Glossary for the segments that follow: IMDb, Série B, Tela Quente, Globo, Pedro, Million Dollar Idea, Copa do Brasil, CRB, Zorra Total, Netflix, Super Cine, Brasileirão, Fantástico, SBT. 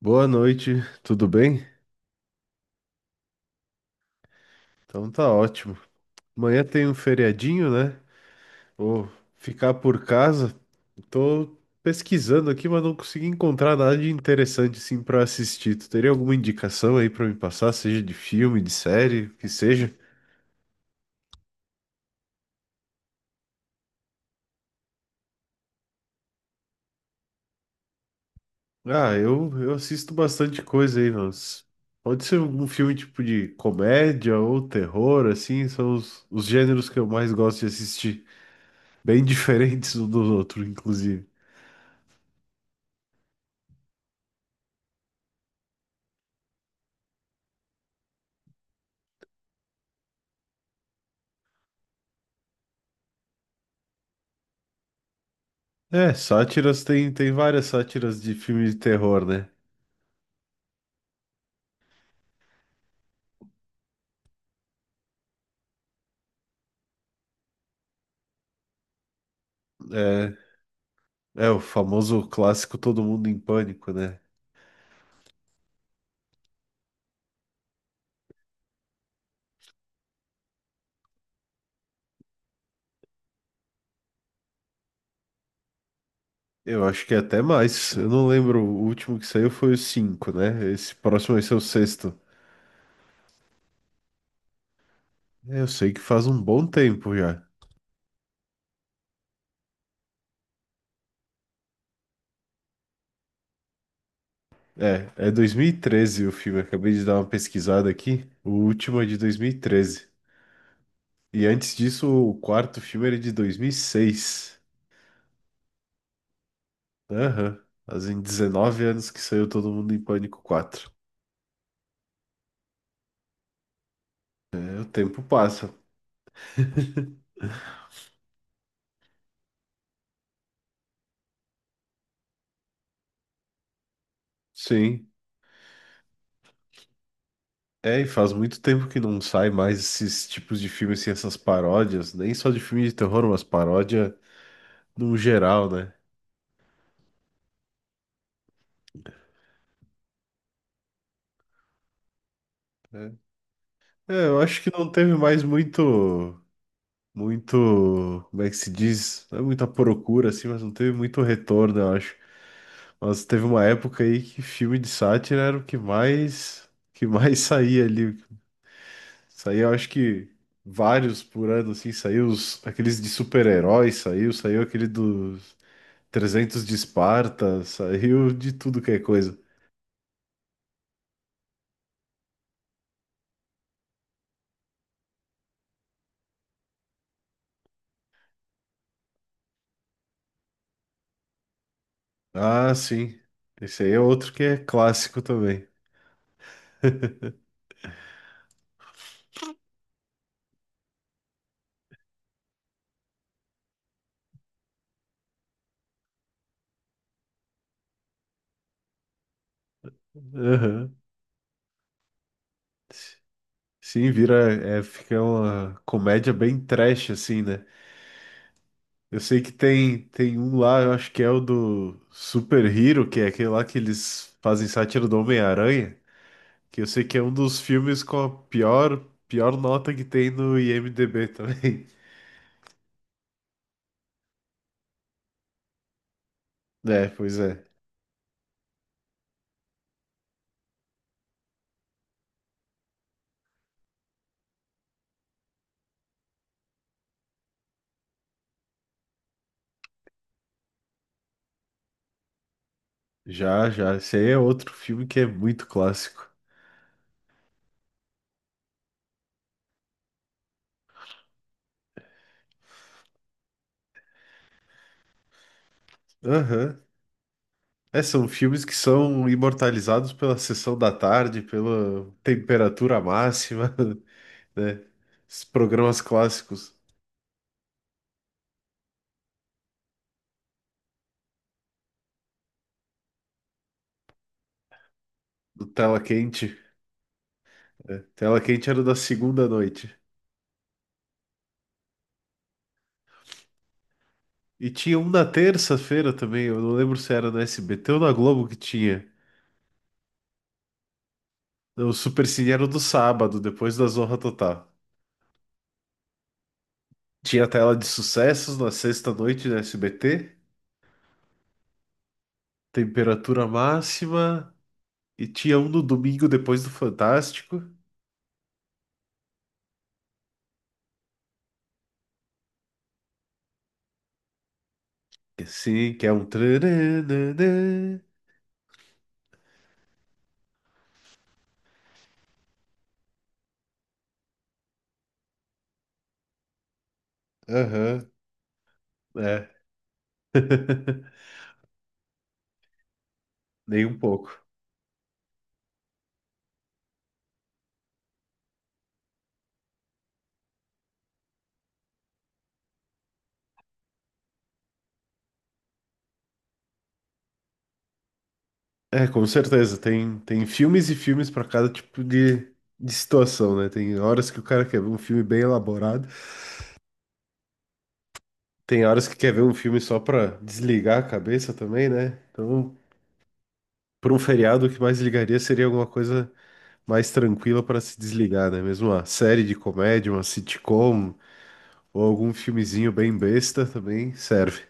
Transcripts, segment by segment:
Boa noite, tudo bem? Então tá ótimo. Amanhã tem um feriadinho, né? Vou ficar por casa. Tô pesquisando aqui, mas não consegui encontrar nada de interessante assim para assistir. Tu teria alguma indicação aí para me passar, seja de filme, de série, o que seja? Ah, eu assisto bastante coisa aí, mas pode ser algum filme tipo de comédia ou terror, assim, são os gêneros que eu mais gosto de assistir. Bem diferentes um dos outros, inclusive. É, sátiras tem várias sátiras de filme de terror, né? É, é o famoso clássico Todo Mundo em Pânico, né? Eu acho que é até mais. Eu não lembro, o último que saiu foi o 5, né? Esse próximo vai ser o sexto. É, eu sei que faz um bom tempo já. É 2013 o filme, acabei de dar uma pesquisada aqui. O último é de 2013. E antes disso, o quarto filme era de 2006. Aham. Fazem 19 anos que saiu Todo Mundo em Pânico 4. É, o tempo passa. Sim. É, e faz muito tempo que não sai mais esses tipos de filmes, assim, essas paródias, nem só de filme de terror, mas paródia no geral, né? É, É, eu acho que não teve mais muito, muito, como é que se diz? Não é muita procura, assim, mas não teve muito retorno, eu acho. Mas teve uma época aí que filme de sátira era o que mais saía ali. Saía, eu acho que vários por ano, assim, saiu os, aqueles de super-heróis, saiu aquele dos 300 de Esparta, saiu de tudo que é coisa. Ah, sim. Esse aí é outro que é clássico também. Aham. Sim, vira, é, fica uma comédia bem trash, assim, né? Eu sei que tem um lá, eu acho que é o do Super Hero, que é aquele lá que eles fazem sátira do Homem-Aranha, que eu sei que é um dos filmes com a pior, pior nota que tem no IMDb também. É, pois é. Já, já. Esse aí é outro filme que é muito clássico. Aham. É, são filmes que são imortalizados pela sessão da tarde, pela temperatura máxima, né? Esses programas clássicos do Tela Quente, né? Tela Quente era da segunda à noite. E tinha um na terça-feira também, eu não lembro se era na SBT ou na Globo que tinha. Não, o Super Cine era do sábado, depois da Zorra Total. Tinha a tela de sucessos na sexta-noite na SBT, temperatura máxima, e tinha um no domingo depois do Fantástico. Que sim, que é um trarararã. Aham, é. Nem um pouco. É, com certeza. Tem filmes e filmes para cada tipo de situação, né? Tem horas que o cara quer ver um filme bem elaborado, tem horas que quer ver um filme só pra desligar a cabeça também, né? Então, por um feriado, o que mais ligaria seria alguma coisa mais tranquila para se desligar, né? Mesmo uma série de comédia, uma sitcom ou algum filmezinho bem besta também serve.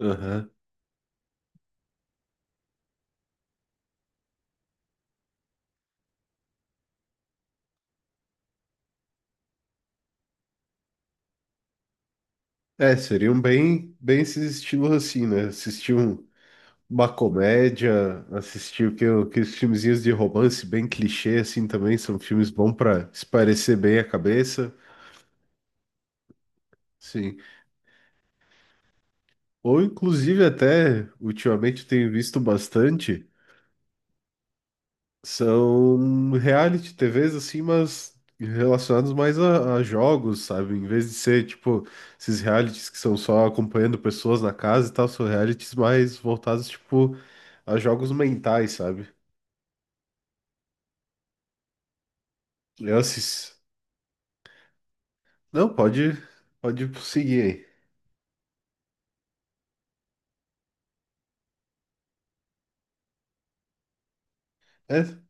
Aham. É, seriam bem, bem esses estilos assim, né? Assistir uma comédia, assistir o que, os filmezinhos de romance bem clichê assim também são filmes bons para esparecer bem a cabeça, sim. Ou inclusive até ultimamente eu tenho visto bastante. São reality TVs assim, mas relacionados mais a jogos, sabe? Em vez de ser tipo esses realities que são só acompanhando pessoas na casa e tal, são realities mais voltados tipo a jogos mentais, sabe? Eu assisti. Não, pode seguir aí. É.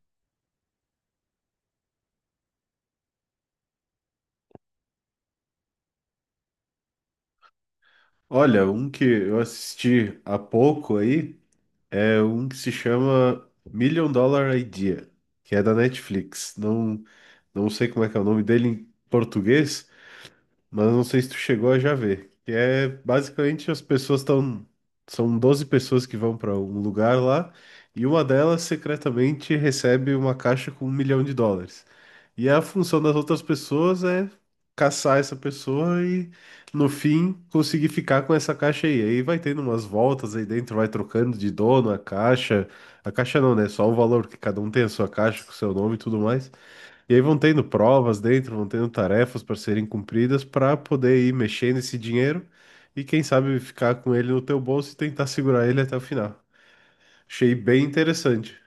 Olha, um que eu assisti há pouco aí é um que se chama Million Dollar Idea, que é da Netflix. Não, não sei como é que é o nome dele em português. Mas não sei se tu chegou a já ver. Que é basicamente as pessoas estão. São 12 pessoas que vão para um lugar lá e uma delas secretamente recebe uma caixa com 1 milhão de dólares. E a função das outras pessoas é caçar essa pessoa e, no fim, conseguir ficar com essa caixa aí. Aí vai tendo umas voltas aí dentro, vai trocando de dono a caixa. A caixa não, né? Só o valor, que cada um tem a sua caixa com o seu nome e tudo mais. E aí vão tendo provas dentro, vão tendo tarefas para serem cumpridas para poder ir mexendo esse dinheiro e quem sabe ficar com ele no teu bolso e tentar segurar ele até o final. Achei bem interessante.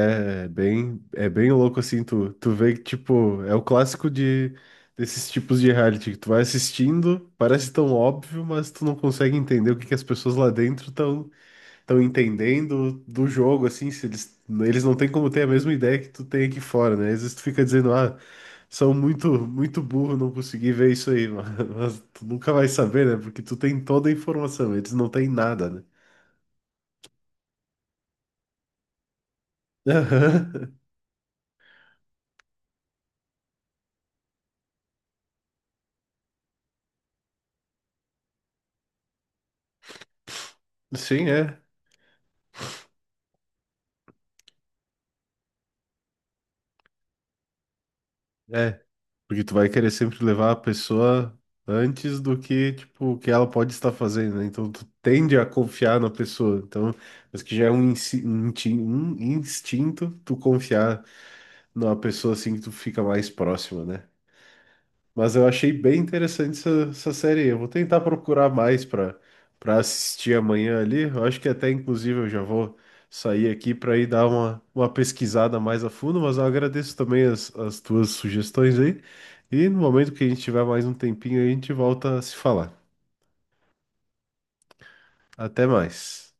É bem louco assim, tu vê que tipo, é o clássico de desses tipos de reality que tu vai assistindo, parece tão óbvio, mas tu não consegue entender o que que as pessoas lá dentro estão entendendo do jogo, assim, se eles não têm como ter a mesma ideia que tu tem aqui fora, né? Às vezes tu fica dizendo, ah, são muito, muito burro, não consegui ver isso aí, mas, tu nunca vai saber, né? Porque tu tem toda a informação, eles não têm nada, né? Aham. Sim, é, porque tu vai querer sempre levar a pessoa antes do que, tipo, o que ela pode estar fazendo, né? Então tu tende a confiar na pessoa, então, mas que já é um instinto tu confiar numa pessoa assim que tu fica mais próxima, né? Mas eu achei bem interessante essa série aí. Eu vou tentar procurar mais para assistir amanhã ali. Eu acho que até inclusive eu já vou sair aqui para ir dar uma pesquisada mais a fundo, mas eu agradeço também as tuas sugestões aí. E no momento que a gente tiver mais um tempinho, aí, a gente volta a se falar. Até mais.